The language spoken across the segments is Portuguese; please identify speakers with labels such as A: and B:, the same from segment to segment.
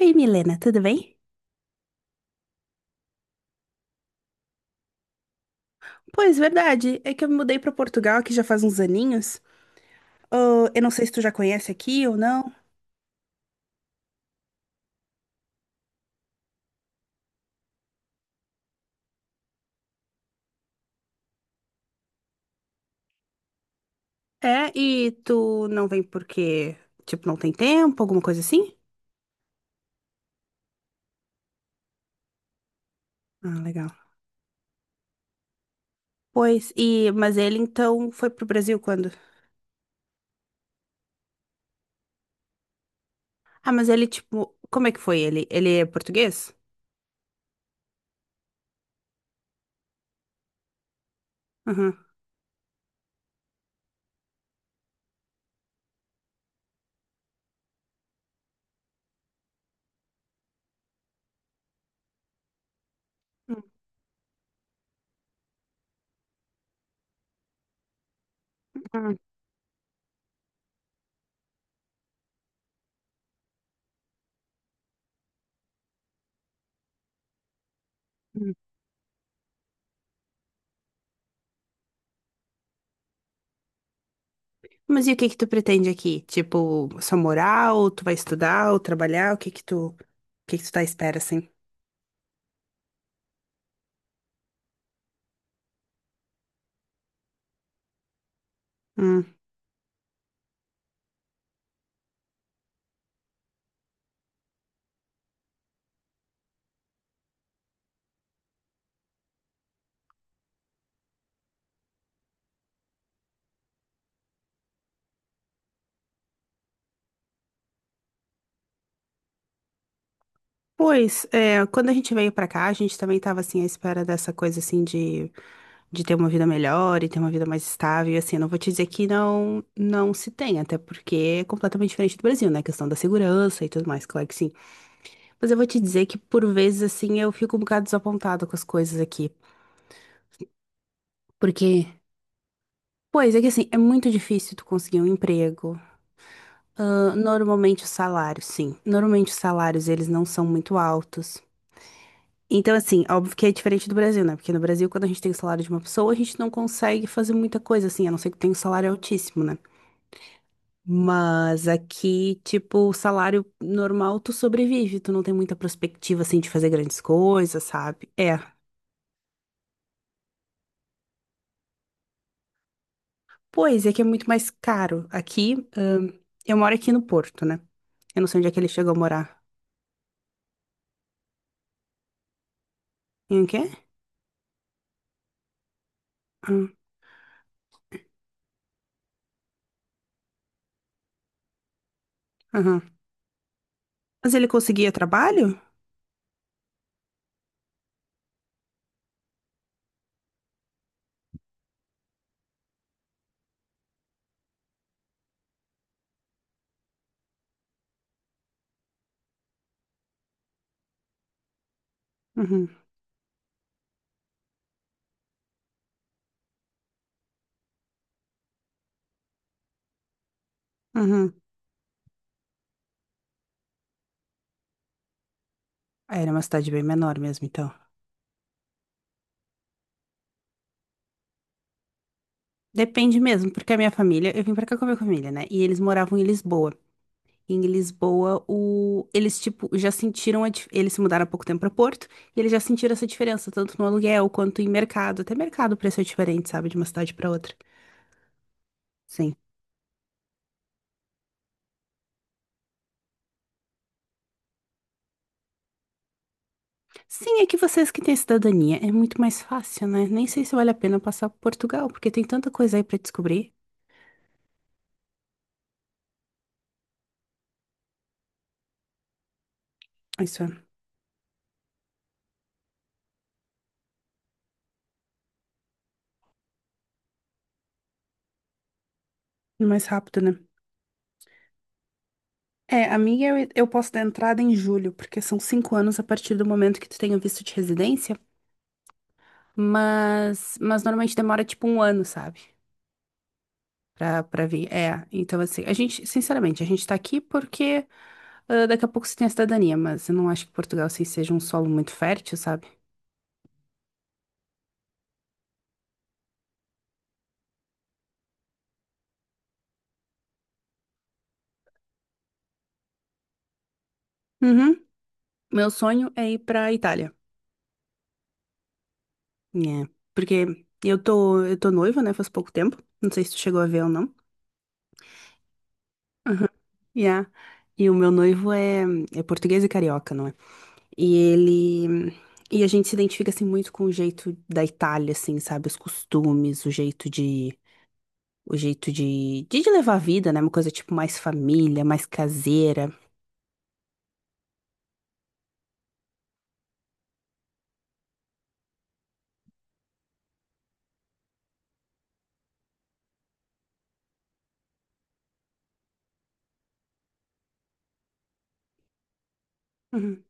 A: Oi, Milena, tudo bem? Pois, verdade. É que eu me mudei para Portugal aqui já faz uns aninhos. Ah, eu não sei se tu já conhece aqui ou não. É, e tu não vem porque, tipo, não tem tempo, alguma coisa assim? Ah, legal. Pois, e mas ele então foi pro Brasil quando? Ah, mas ele tipo, como é que foi ele? Ele é português? Aham. Hum, hum, hum. Mas e o que que tu pretende aqui? Tipo, só morar ou tu vai estudar ou trabalhar? O que que tu, o que que tu tá à espera assim? Pois, é, quando a gente veio pra cá, a gente também tava, assim, à espera dessa coisa, assim, de ter uma vida melhor e ter uma vida mais estável, e, assim, não vou te dizer que não, não se tem, até porque é completamente diferente do Brasil, né, a questão da segurança e tudo mais, claro que sim. Mas eu vou te dizer que, por vezes, assim, eu fico um bocado desapontada com as coisas aqui, porque, pois, é que, assim, é muito difícil tu conseguir um emprego. Ah, normalmente os salários, sim, normalmente os salários, eles não são muito altos. Então, assim, óbvio que é diferente do Brasil, né? Porque no Brasil, quando a gente tem o salário de uma pessoa, a gente não consegue fazer muita coisa, assim, a não ser que tenha um salário altíssimo, né? Mas aqui, tipo, o salário normal, tu sobrevive, tu não tem muita perspectiva, assim, de fazer grandes coisas, sabe? É. Pois é que é muito mais caro. Aqui, eu moro aqui no Porto, né? Eu não sei onde é que ele chegou a morar. Em quê? Hum. Aham. Mas ele conseguia trabalho? Uhum, uhum. Ah, era uma cidade bem menor mesmo, então. Depende mesmo, porque a minha família, eu vim pra cá com a minha família, né? E eles moravam em Lisboa. E em Lisboa, eles tipo já sentiram eles se mudaram há pouco tempo pra Porto, e eles já sentiram essa diferença, tanto no aluguel quanto em mercado. Até mercado o preço é diferente, sabe, de uma cidade pra outra. Sim. Sim, é que vocês que têm cidadania é muito mais fácil, né? Nem sei se vale a pena passar por Portugal, porque tem tanta coisa aí pra descobrir. Isso é mais rápido, né? É, a minha eu posso dar entrada em julho, porque são 5 anos a partir do momento que tu tenha visto de residência, mas normalmente demora tipo um ano, sabe? Pra vir. É, então assim, a gente, sinceramente, a gente tá aqui porque ah, daqui a pouco você tem a cidadania, mas eu não acho que Portugal assim, seja um solo muito fértil, sabe? Uhum. Meu sonho é ir pra Itália. É, porque eu tô noiva, né? Faz pouco tempo. Não sei se tu chegou a ver ou não. Yeah. E o meu noivo é, é português e carioca, não é? E ele. E a gente se identifica assim muito com o jeito da Itália, assim, sabe? Os costumes, o jeito de. O jeito de, de levar a vida, né? Uma coisa tipo mais família, mais caseira. Uhum.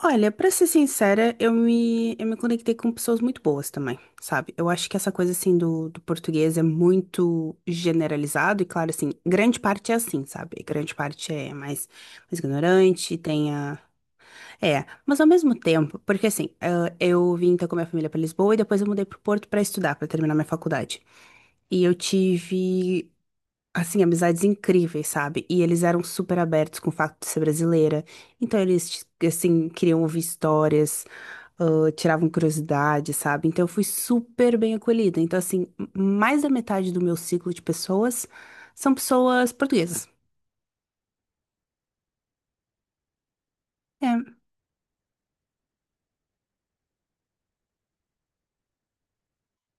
A: Olha, pra ser sincera, eu me conectei com pessoas muito boas também, sabe? Eu acho que essa coisa, assim, do, português é muito generalizado e, claro, assim, grande parte é assim, sabe? Grande parte é mais, mais ignorante, tem a. É, mas ao mesmo tempo, porque assim, ah, eu vim então com a minha família para Lisboa e depois eu mudei pro Porto para estudar, para terminar minha faculdade. E eu tive, assim, amizades incríveis, sabe? E eles eram super abertos com o fato de ser brasileira. Então eles, assim, queriam ouvir histórias, ah, tiravam curiosidade, sabe? Então eu fui super bem acolhida. Então, assim, mais da metade do meu ciclo de pessoas são pessoas portuguesas. É.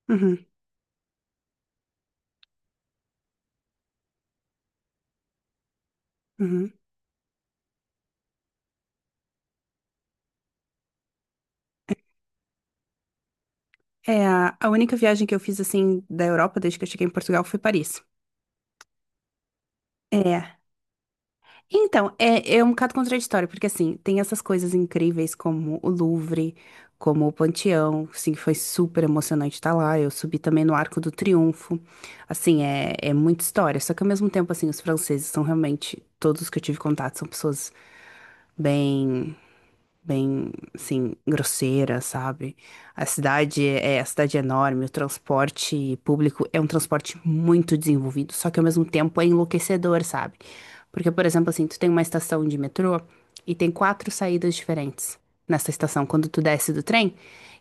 A: Uhum, uhum. É, a única viagem que eu fiz, assim, da Europa, desde que eu cheguei em Portugal, foi Paris. É. Então, é, é um bocado contraditório, porque, assim, tem essas coisas incríveis como o Louvre, como o Panteão, assim, que foi super emocionante estar lá. Eu subi também no Arco do Triunfo. Assim, é, é muita história. Só que, ao mesmo tempo, assim, os franceses são realmente, todos que eu tive contato, são pessoas bem. bem, assim, grosseira, sabe? A cidade é, é, a cidade é enorme, o transporte público é um transporte muito desenvolvido, só que ao mesmo tempo é enlouquecedor, sabe? Porque, por exemplo, assim, tu tem uma estação de metrô e tem quatro saídas diferentes nessa estação quando tu desce do trem,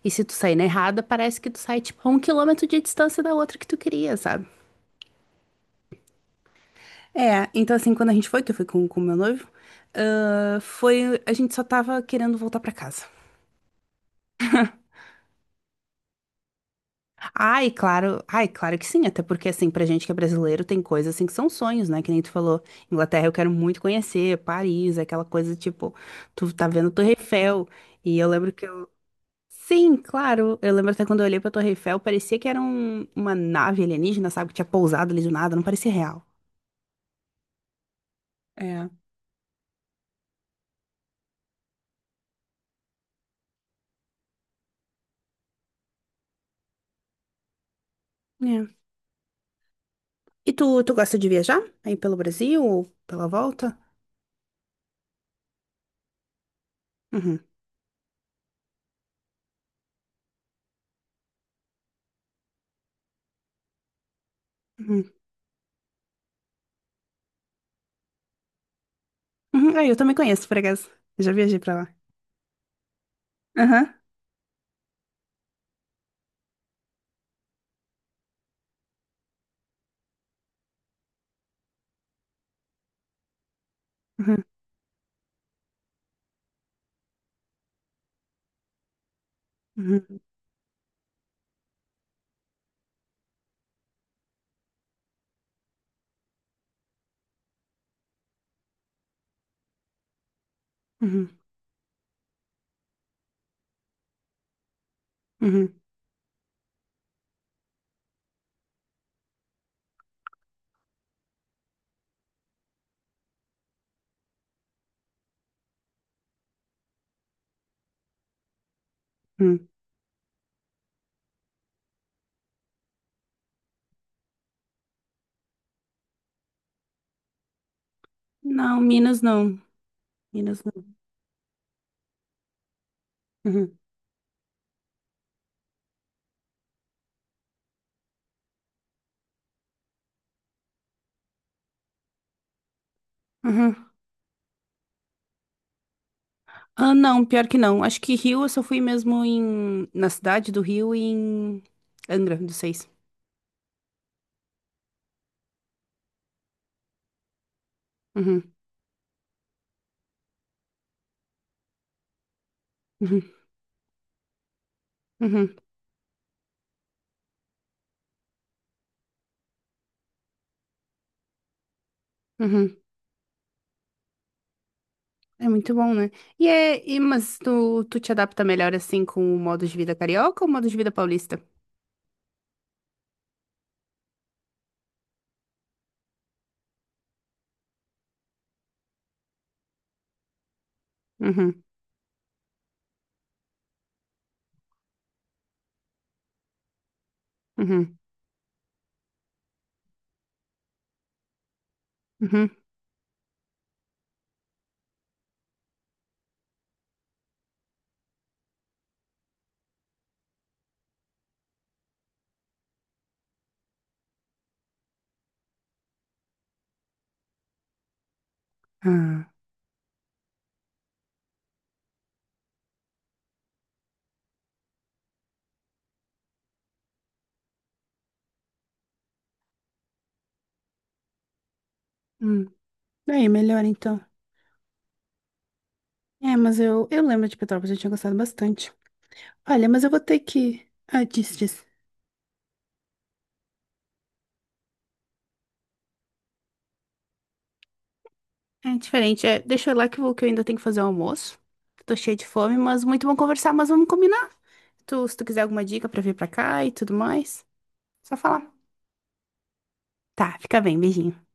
A: e se tu sair na errada, parece que tu sai, tipo, a 1 km de distância da outra que tu queria, sabe? É, então assim, quando a gente foi, que eu fui com o meu noivo, ah, foi, a gente só tava querendo voltar pra casa. Ai, claro que sim, até porque assim, pra gente que é brasileiro, tem coisas assim que são sonhos, né? Que nem tu falou, Inglaterra eu quero muito conhecer, Paris, aquela coisa tipo, tu tá vendo a Torre Eiffel, e eu lembro que eu. Sim, claro, eu lembro até quando eu olhei pra Torre Eiffel, parecia que era uma nave alienígena, sabe, que tinha pousado ali do nada, não parecia real. É. É. E tu, gosta de viajar? Aí pelo Brasil ou pela volta? Uhum. Uhum. Uhum. Ah, eu também conheço, por acaso. Eu já viajei pra lá. Aham. Uhum. Uhum. Uhum. Uhum. Uhum. Não, Minas não. Minas não. Uhum. Uhum. Ah, não, pior que não. Acho que Rio eu só fui mesmo em na cidade do Rio e em Angra dos Seis. Uhum. Uhum. Uhum. Uhum. É muito bom, né? E é mas tu, te adapta melhor assim com o modo de vida carioca ou o modo de vida paulista? Uhum. Uhum. Uhum. Ah. Hum. É, melhor então. É, mas eu lembro de Petrópolis, eu tinha gostado bastante. Olha, mas eu vou ter que. Ah, disse, disse. É diferente. É, deixa eu ir lá que eu, que eu ainda tenho que fazer o almoço. Tô cheia de fome, mas muito bom conversar, mas vamos combinar. Tu, se tu quiser alguma dica pra vir pra cá e tudo mais, só falar. Tá, fica bem, beijinho.